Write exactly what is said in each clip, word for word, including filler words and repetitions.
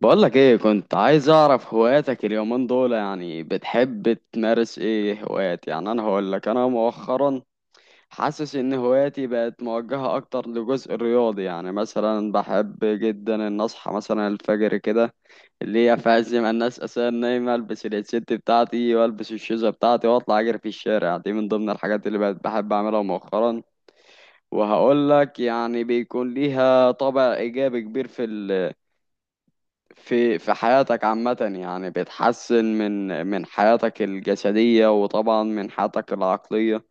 بقولك ايه، كنت عايز اعرف هواياتك اليومين دول. يعني بتحب تمارس ايه هوايات؟ يعني انا هقولك، انا مؤخرا حاسس ان هواياتي بقت موجهة اكتر لجزء الرياضي. يعني مثلا بحب جدا ان اصحى مثلا الفجر كده، اللي هي في عز ما الناس اساسا نايمة، البس الست بتاعتي والبس الشوزة بتاعتي واطلع اجري في الشارع. دي من ضمن الحاجات اللي بقت بحب اعملها مؤخرا. وهقول لك يعني بيكون ليها طابع ايجابي كبير في في في حياتك عامة. يعني بتحسن من من حياتك الجسدية وطبعا من حياتك العقلية.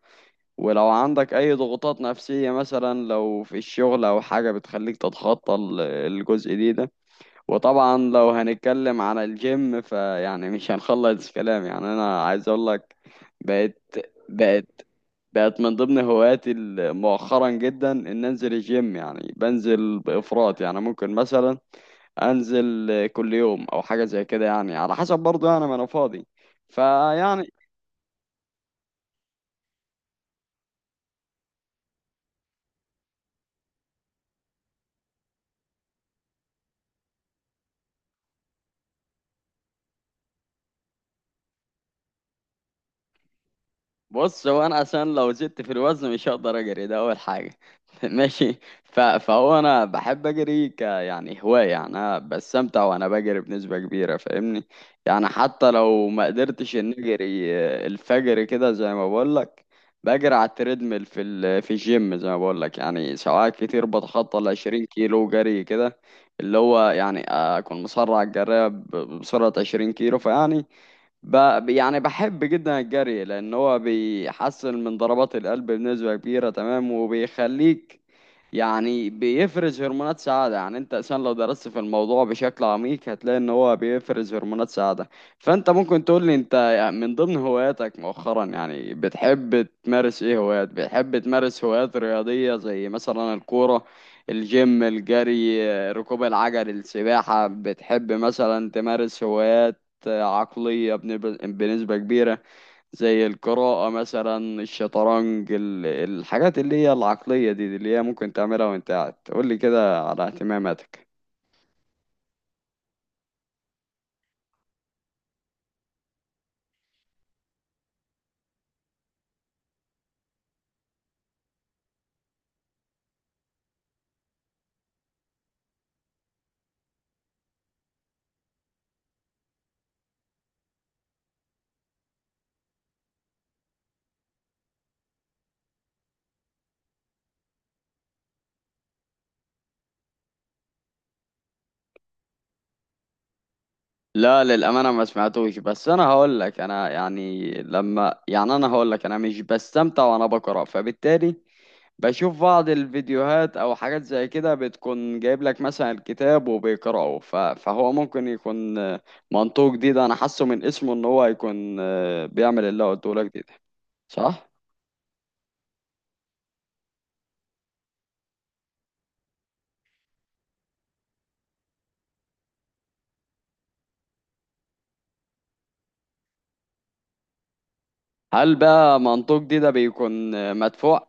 ولو عندك أي ضغوطات نفسية، مثلا لو في الشغل أو حاجة، بتخليك تتخطى ال- الجزء دي ده. وطبعا لو هنتكلم عن الجيم، فيعني مش هنخلص كلام. يعني أنا عايز أقول لك، بقت بقت بقت من ضمن هواياتي ال- مؤخرا جدا إن أنزل الجيم. يعني بنزل بإفراط، يعني ممكن مثلا انزل كل يوم او حاجه زي كده، يعني على حسب برضه، يعني ما انا فاضي. فيعني بص، هو انا عشان لو زدت في الوزن مش هقدر اجري. ده اول حاجه. ماشي. ف... فهو انا بحب اجري ك يعني هوايه، يعني انا بستمتع وانا بجري بنسبه كبيره، فاهمني؟ يعني حتى لو ما قدرتش ان اجري آه، الفجر كده زي ما بقول لك، بجري على التريدميل في ال... في الجيم زي ما بقول لك. يعني ساعات كتير بتخطى ال 20 كيلو جري كده، اللي هو يعني اكون مسرع الجري ب- بسرعه 20 كيلو. فيعني ب... يعني بحب جدا الجري لان هو بيحسن من ضربات القلب بنسبة كبيرة، تمام؟ وبيخليك يعني بيفرز هرمونات سعادة. يعني انت عشان لو درست في الموضوع بشكل عميق هتلاقي ان هو بيفرز هرمونات سعادة. فانت ممكن تقول لي، انت من ضمن هواياتك مؤخرا يعني بتحب تمارس ايه هوايات؟ بتحب تمارس هوايات رياضية زي مثلا الكورة، الجيم، الجري، ركوب العجل، السباحة؟ بتحب مثلا تمارس هوايات عقلية بنب- بنسبة كبيرة زي القراءة مثلا، الشطرنج، ال- الحاجات اللي هي العقلية دي، دي اللي هي ممكن تعملها وانت قاعد؟ قول لي كده على اهتماماتك. لا، للأمانة ما سمعتوش. بس أنا هقول لك، أنا يعني لما، يعني أنا هقول لك، أنا مش بستمتع وأنا بقرأ، فبالتالي بشوف بعض الفيديوهات او حاجات زي كده بتكون جايب لك مثلا الكتاب وبيقرأه. ف- فهو ممكن يكون آه، منطوق جديد. انا حاسه من اسمه ان هو هيكون آه، بيعمل اللي هو قلته لك جديد. صح. هل بقى منطوق دي ده بيكون آه، مدفوع؟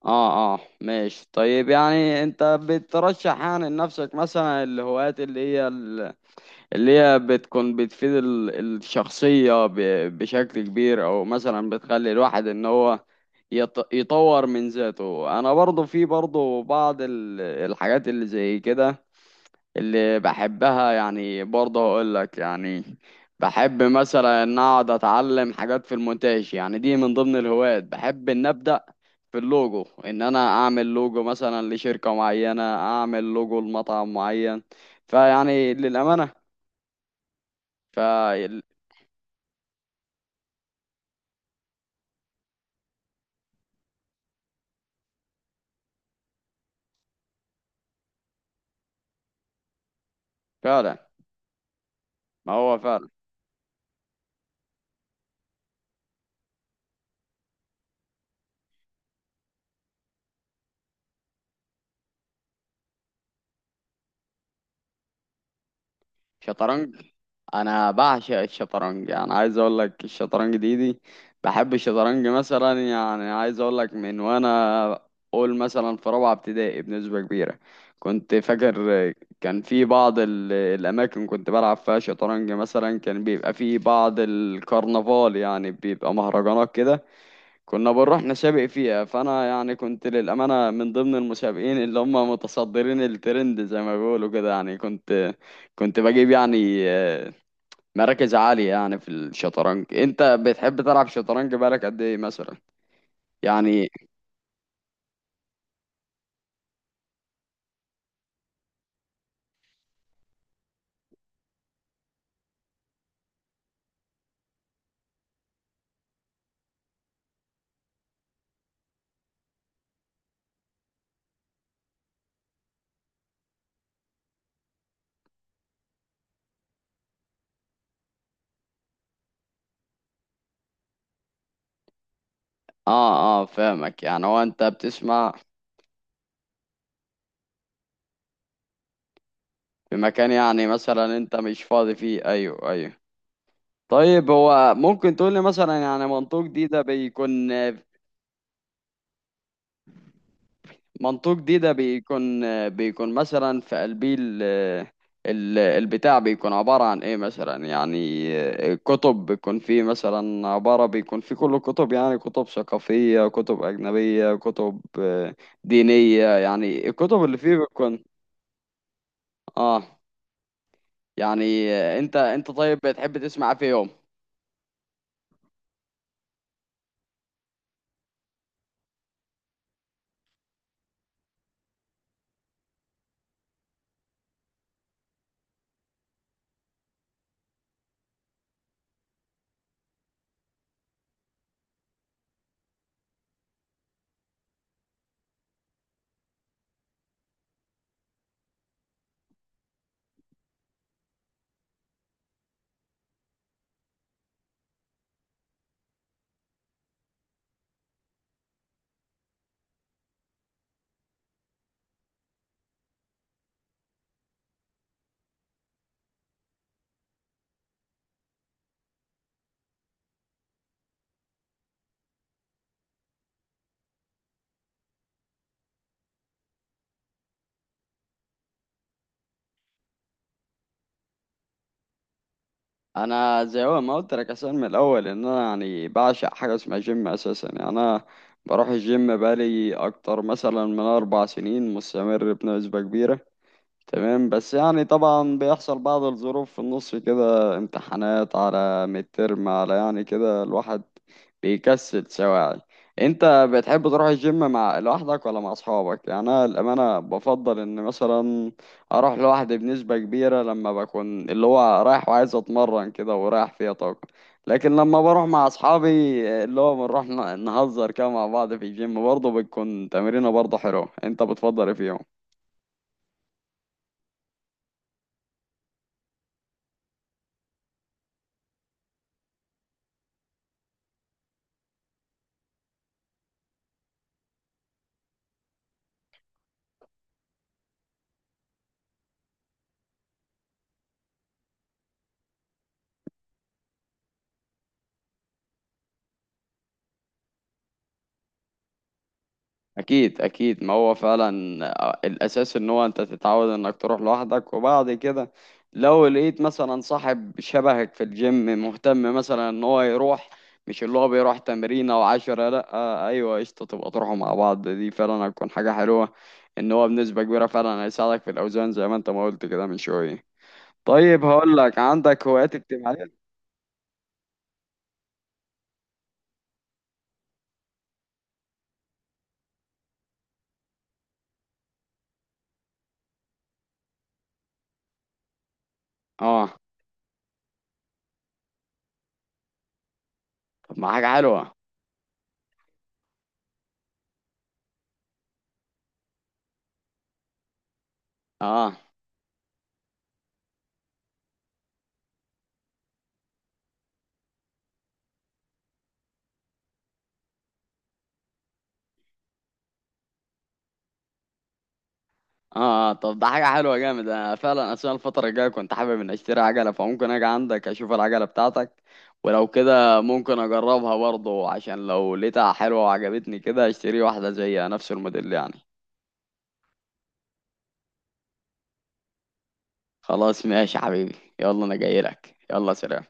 اه اه ماشي. طيب يعني انت بترشح يعني لنفسك مثلا الهوايات اللي هي اللي هي بتكون بتفيد ال- الشخصية ب- بشكل كبير، أو مثلا بتخلي الواحد إن هو يط- يطور من ذاته؟ أنا برضو في برضو بعض ال- الحاجات اللي زي كده اللي بحبها. يعني برضو أقولك، يعني بحب مثلا إن أقعد أتعلم حاجات في المونتاج. يعني دي من ضمن الهوايات، بحب إن أبدأ في اللوجو، إن أنا أعمل لوجو مثلا لشركة معينة، أعمل لوجو لمطعم معين. فيعني للأمانة فعل فعلا، ما هو فعلا شطرنج. انا بعشق الشطرنج، يعني عايز اقول لك الشطرنج دي دي بحب الشطرنج مثلا. يعني عايز اقول لك، من وانا اقول مثلا في رابعه ابتدائي بنسبه كبيره كنت فاكر كان في بعض ال- الاماكن كنت بلعب فيها شطرنج. مثلا كان بيبقى في بعض الكرنفال، يعني بيبقى مهرجانات كده، كنا بنروح نسابق فيها. فانا يعني كنت للامانه من ضمن المسابقين اللي هم متصدرين الترند زي ما بيقولوا كده. يعني كنت كنت بجيب يعني آه، مراكز عاليه يعني في الشطرنج. انت بتحب تلعب شطرنج بقالك قد ايه مثلا؟ يعني اه اه فاهمك. يعني هو انت بتسمع في مكان، يعني مثلا انت مش فاضي فيه؟ ايوه ايوه. طيب هو ممكن تقول لي مثلا، يعني منطوق دي ده بيكون منطوق دي ده بيكون بيكون مثلا في قلبي ال ال- البتاع بيكون عبارة عن ايه مثلا؟ يعني كتب، بيكون فيه مثلا عبارة، بيكون فيه كل كتب، يعني كتب ثقافية، كتب أجنبية، كتب آه، دينية؟ يعني الكتب اللي فيه بيكون. اه. يعني آه، انت انت طيب بتحب تسمع فيهم؟ انا زي هو ما قلت لك اصلا من الاول، ان انا يعني بعشق حاجه اسمها جيم اساسا. يعني انا بروح الجيم بقالي اكتر مثلا من اربع سنين مستمر بنسبه كبيره، تمام؟ بس يعني طبعا بيحصل بعض الظروف في النص كده، امتحانات على مترم، على يعني كده الواحد بيكسل سواعي. انت بتحب تروح الجيم مع لوحدك ولا مع اصحابك؟ يعني انا الامانه بفضل ان مثلا اروح لوحدي بنسبه كبيره لما بكون اللي هو رايح وعايز اتمرن كده ورايح فيها طاقه. لكن لما بروح مع اصحابي اللي هو بنروح ن- نهزر كده مع بعض في الجيم، برضه بتكون تمرينه برضه حلوه. انت بتفضل ايه فيهم؟ اكيد اكيد، ما هو فعلا آه، الاساس ان هو انت تتعود انك تروح لوحدك. وبعد كده لو لقيت مثلا صاحب شبهك في الجيم مهتم مثلا ان هو يروح، مش اللي هو بيروح تمرين او عشرة، لا آه ايوه قشطة، تبقى تروحوا مع بعض. دي فعلا هتكون حاجة حلوة، ان هو بنسبة كبيرة فعلا هيساعدك في الاوزان زي ما انت ما قلت كده من شوية. طيب هقول لك، عندك هوايات اجتماعية؟ اه. طب ما حاجة حلوة. اه اه آه، طب ده حاجة حلوة جامد. انا فعلا اثناء الفترة الجاية كنت حابب ان اشتري عجلة، فممكن اجي عندك اشوف العجلة بتاعتك، ولو كده ممكن اجربها برضه عشان لو لقيتها حلوة وعجبتني كده اشتري واحدة زيها نفس الموديل يعني. خلاص ماشي يا حبيبي، يلا انا جاي لك، يلا سلام.